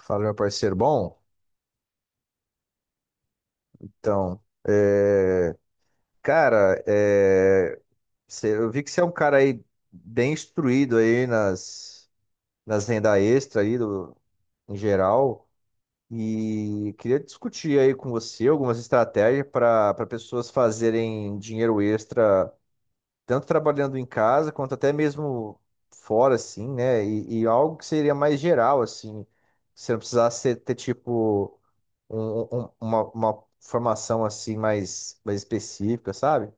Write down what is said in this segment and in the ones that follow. Fala, meu parceiro. Bom, então, é, cara, é, cê- Eu vi que você é um cara aí bem instruído aí nas renda extra em geral e queria discutir aí com você algumas estratégias para pessoas fazerem dinheiro extra, tanto trabalhando em casa quanto até mesmo fora, assim, né? E algo que seria mais geral, assim, você não precisasse ter tipo uma formação assim mais específica, sabe?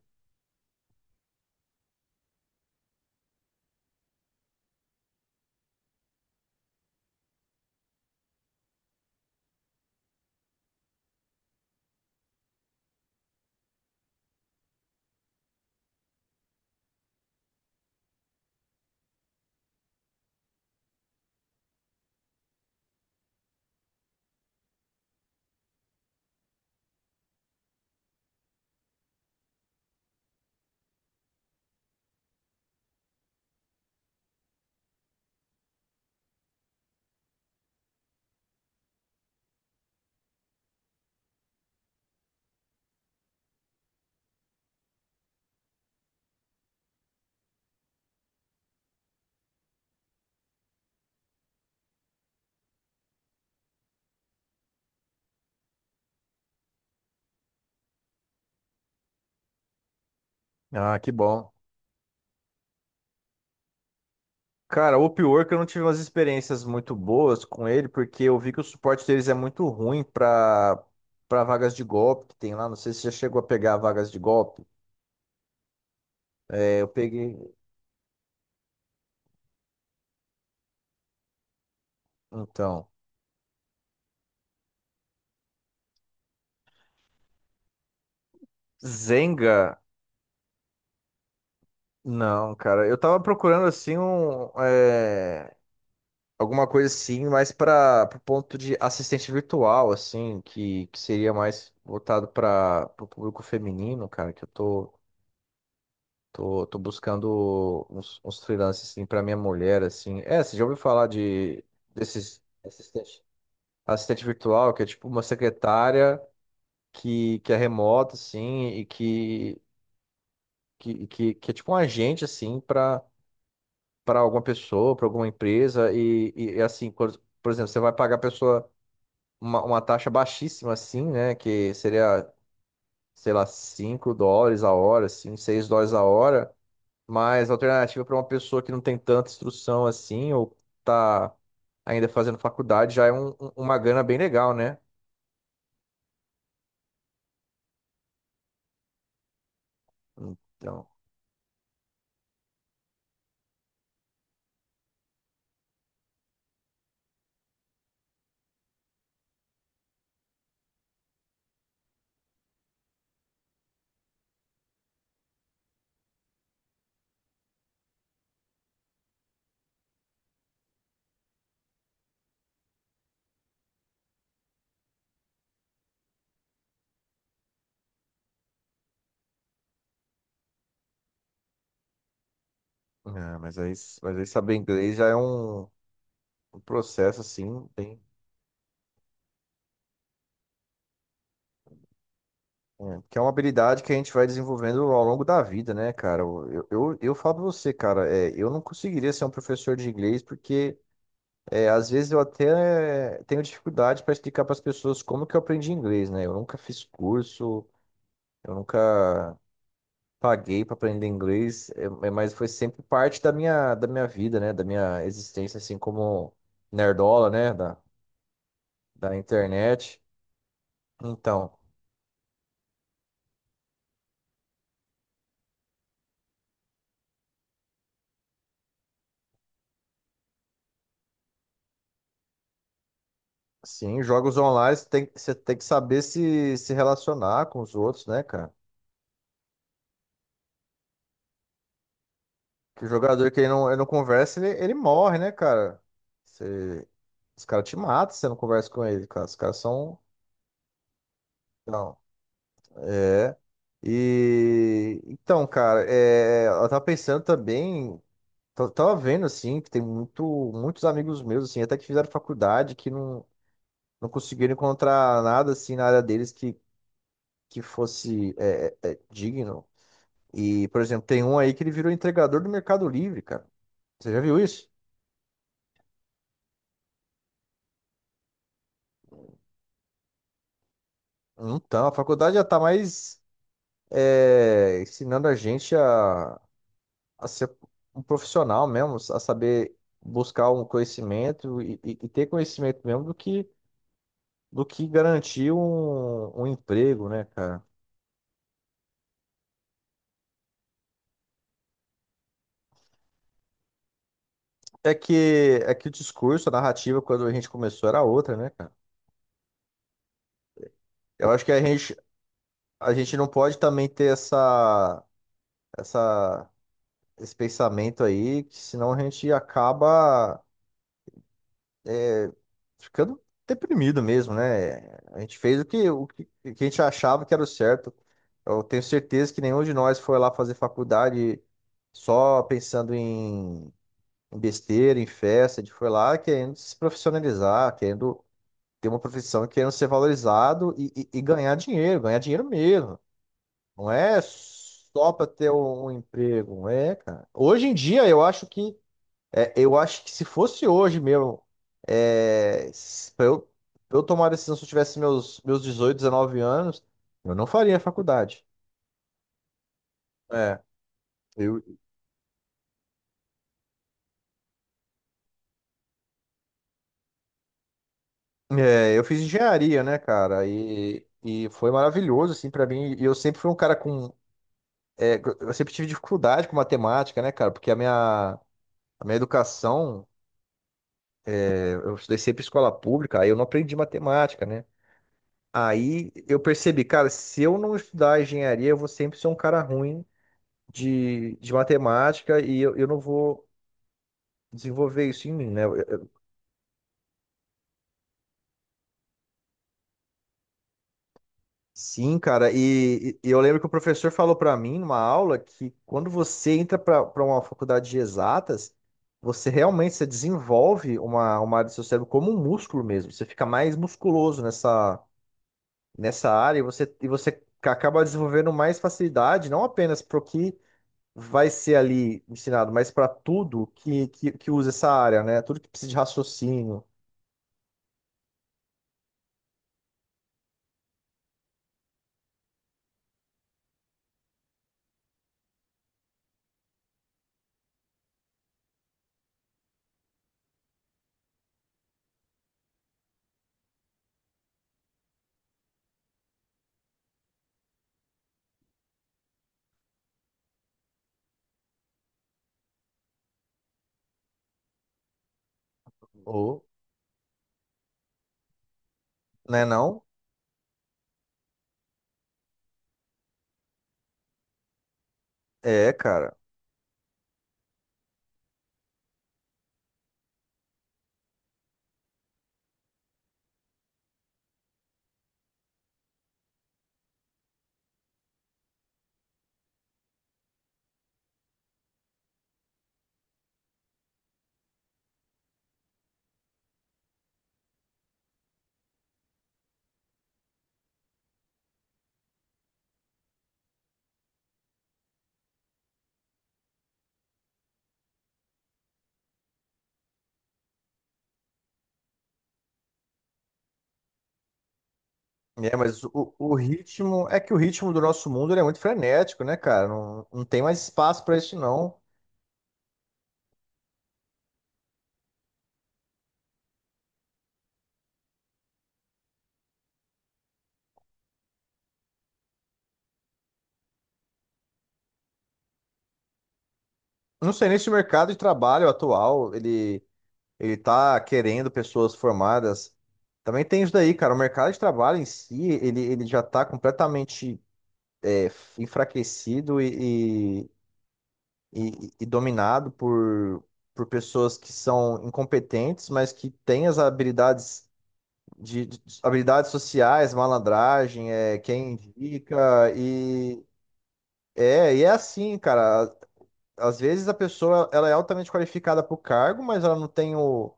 Ah, que bom. Cara, o pior é que eu não tive umas experiências muito boas com ele, porque eu vi que o suporte deles é muito ruim para vagas de golpe que tem lá. Não sei se já chegou a pegar vagas de golpe. É, eu peguei. Então. Zenga? Não, cara. Eu tava procurando assim um. É, Alguma coisa assim, mais para o ponto de assistente virtual, assim, que seria mais voltado para o público feminino, cara, que tô buscando uns freelances, assim, para minha mulher, assim. É, você já ouviu falar de desses assistente, assistente virtual, que é tipo uma secretária que é remota, assim, e que é tipo um agente, assim, para alguma pessoa, para alguma empresa, e, assim, por exemplo, você vai pagar a pessoa uma taxa baixíssima, assim, né? Que seria, sei lá, 5 dólares a hora, assim, 6 dólares a hora. Mas a alternativa para uma pessoa que não tem tanta instrução assim, ou tá ainda fazendo faculdade, já é uma grana bem legal, né? Então, é, mas aí, mas aí saber inglês já é um processo, assim, bem. É, que é uma habilidade que a gente vai desenvolvendo ao longo da vida, né, cara? Eu falo pra você, cara, é, eu não conseguiria ser um professor de inglês porque. É, às vezes eu até tenho dificuldade para explicar para as pessoas como que eu aprendi inglês, né? Eu nunca fiz curso, eu nunca paguei para aprender inglês, mas foi sempre parte da da minha vida, né? Da minha existência, assim como nerdola, né? Da internet. Então, sim, jogos online você tem que saber se relacionar com os outros, né, cara? Que o jogador que ele não conversa, ele morre, né, cara? Você- os caras te matam se você não conversa com ele, cara. Os caras são Não, é. E então, cara, é, eu tava pensando também, tava vendo assim, que muitos amigos meus, assim, até que fizeram faculdade, que não, não conseguiram encontrar nada assim na área deles que fosse digno. E, por exemplo, tem um aí que ele virou entregador do Mercado Livre, cara. Você já viu isso? Então, a faculdade já tá mais é, ensinando a gente a. A ser um profissional mesmo, a saber buscar um conhecimento e, e ter conhecimento mesmo do que garantir um emprego, né, cara? É que o discurso, a narrativa, quando a gente começou, era outra, né, cara? Eu acho que a gente não pode também ter essa, esse pensamento aí, que senão a gente acaba ficando deprimido mesmo, né? A gente fez o que a gente achava que era o certo. Eu tenho certeza que nenhum de nós foi lá fazer faculdade só pensando em besteira, em festa. A gente foi lá querendo se profissionalizar, querendo ter uma profissão, querendo ser valorizado e, e ganhar dinheiro mesmo. Não é só para ter um emprego, não é, cara. Hoje em dia, eu acho que se fosse hoje mesmo, é, se- eu, pra eu tomar a decisão se eu tivesse meus 18, 19 anos, eu não faria faculdade. É. Eu É, eu fiz engenharia, né, cara? E foi maravilhoso, assim, pra mim. E eu sempre fui um cara com. É, eu sempre tive dificuldade com matemática, né, cara? Porque a minha educação, é, eu estudei sempre em escola pública, aí eu não aprendi matemática, né? Aí eu percebi, cara, se eu não estudar engenharia, eu vou sempre ser um cara ruim de matemática e eu não vou desenvolver isso em mim, né? Sim, cara, e eu lembro que o professor falou para mim numa aula que quando você entra para uma faculdade de exatas, você desenvolve uma área do seu cérebro como um músculo mesmo. Você fica mais musculoso nessa área e e você acaba desenvolvendo mais facilidade, não apenas para o que vai ser ali ensinado, mas para tudo que usa essa área, né? Tudo que precisa de raciocínio, ou, né, não? É, cara. É, mas o ritmo. É que o ritmo do nosso mundo ele é muito frenético, né, cara? Não tem mais espaço para isso, não. Não sei nem se o mercado de trabalho atual ele tá querendo pessoas formadas. Também tem isso daí, cara. O mercado de trabalho em si, ele já tá completamente é, enfraquecido e dominado por pessoas que são incompetentes, mas que têm as habilidades de habilidades sociais, malandragem, é, quem indica e é assim, cara. Às vezes a pessoa ela é altamente qualificada para o cargo, mas ela não tem o,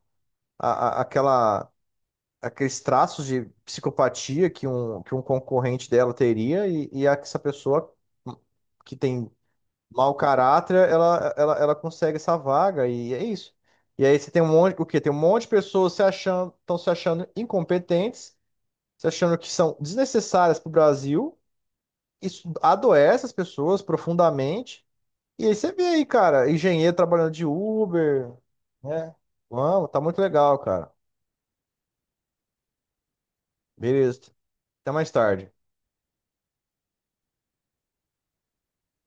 a- aquela, aqueles traços de psicopatia que um concorrente dela teria e, essa pessoa hum, que tem mau caráter, ela consegue essa vaga e é isso. E aí você tem um monte, o quê? Tem um monte de pessoas se achando, estão se achando incompetentes você achando que são desnecessárias para o Brasil, isso adoece as pessoas profundamente. E aí você vê aí, cara, engenheiro trabalhando de Uber, né? Vamos, tá muito legal, cara. Beleza. Até mais tarde.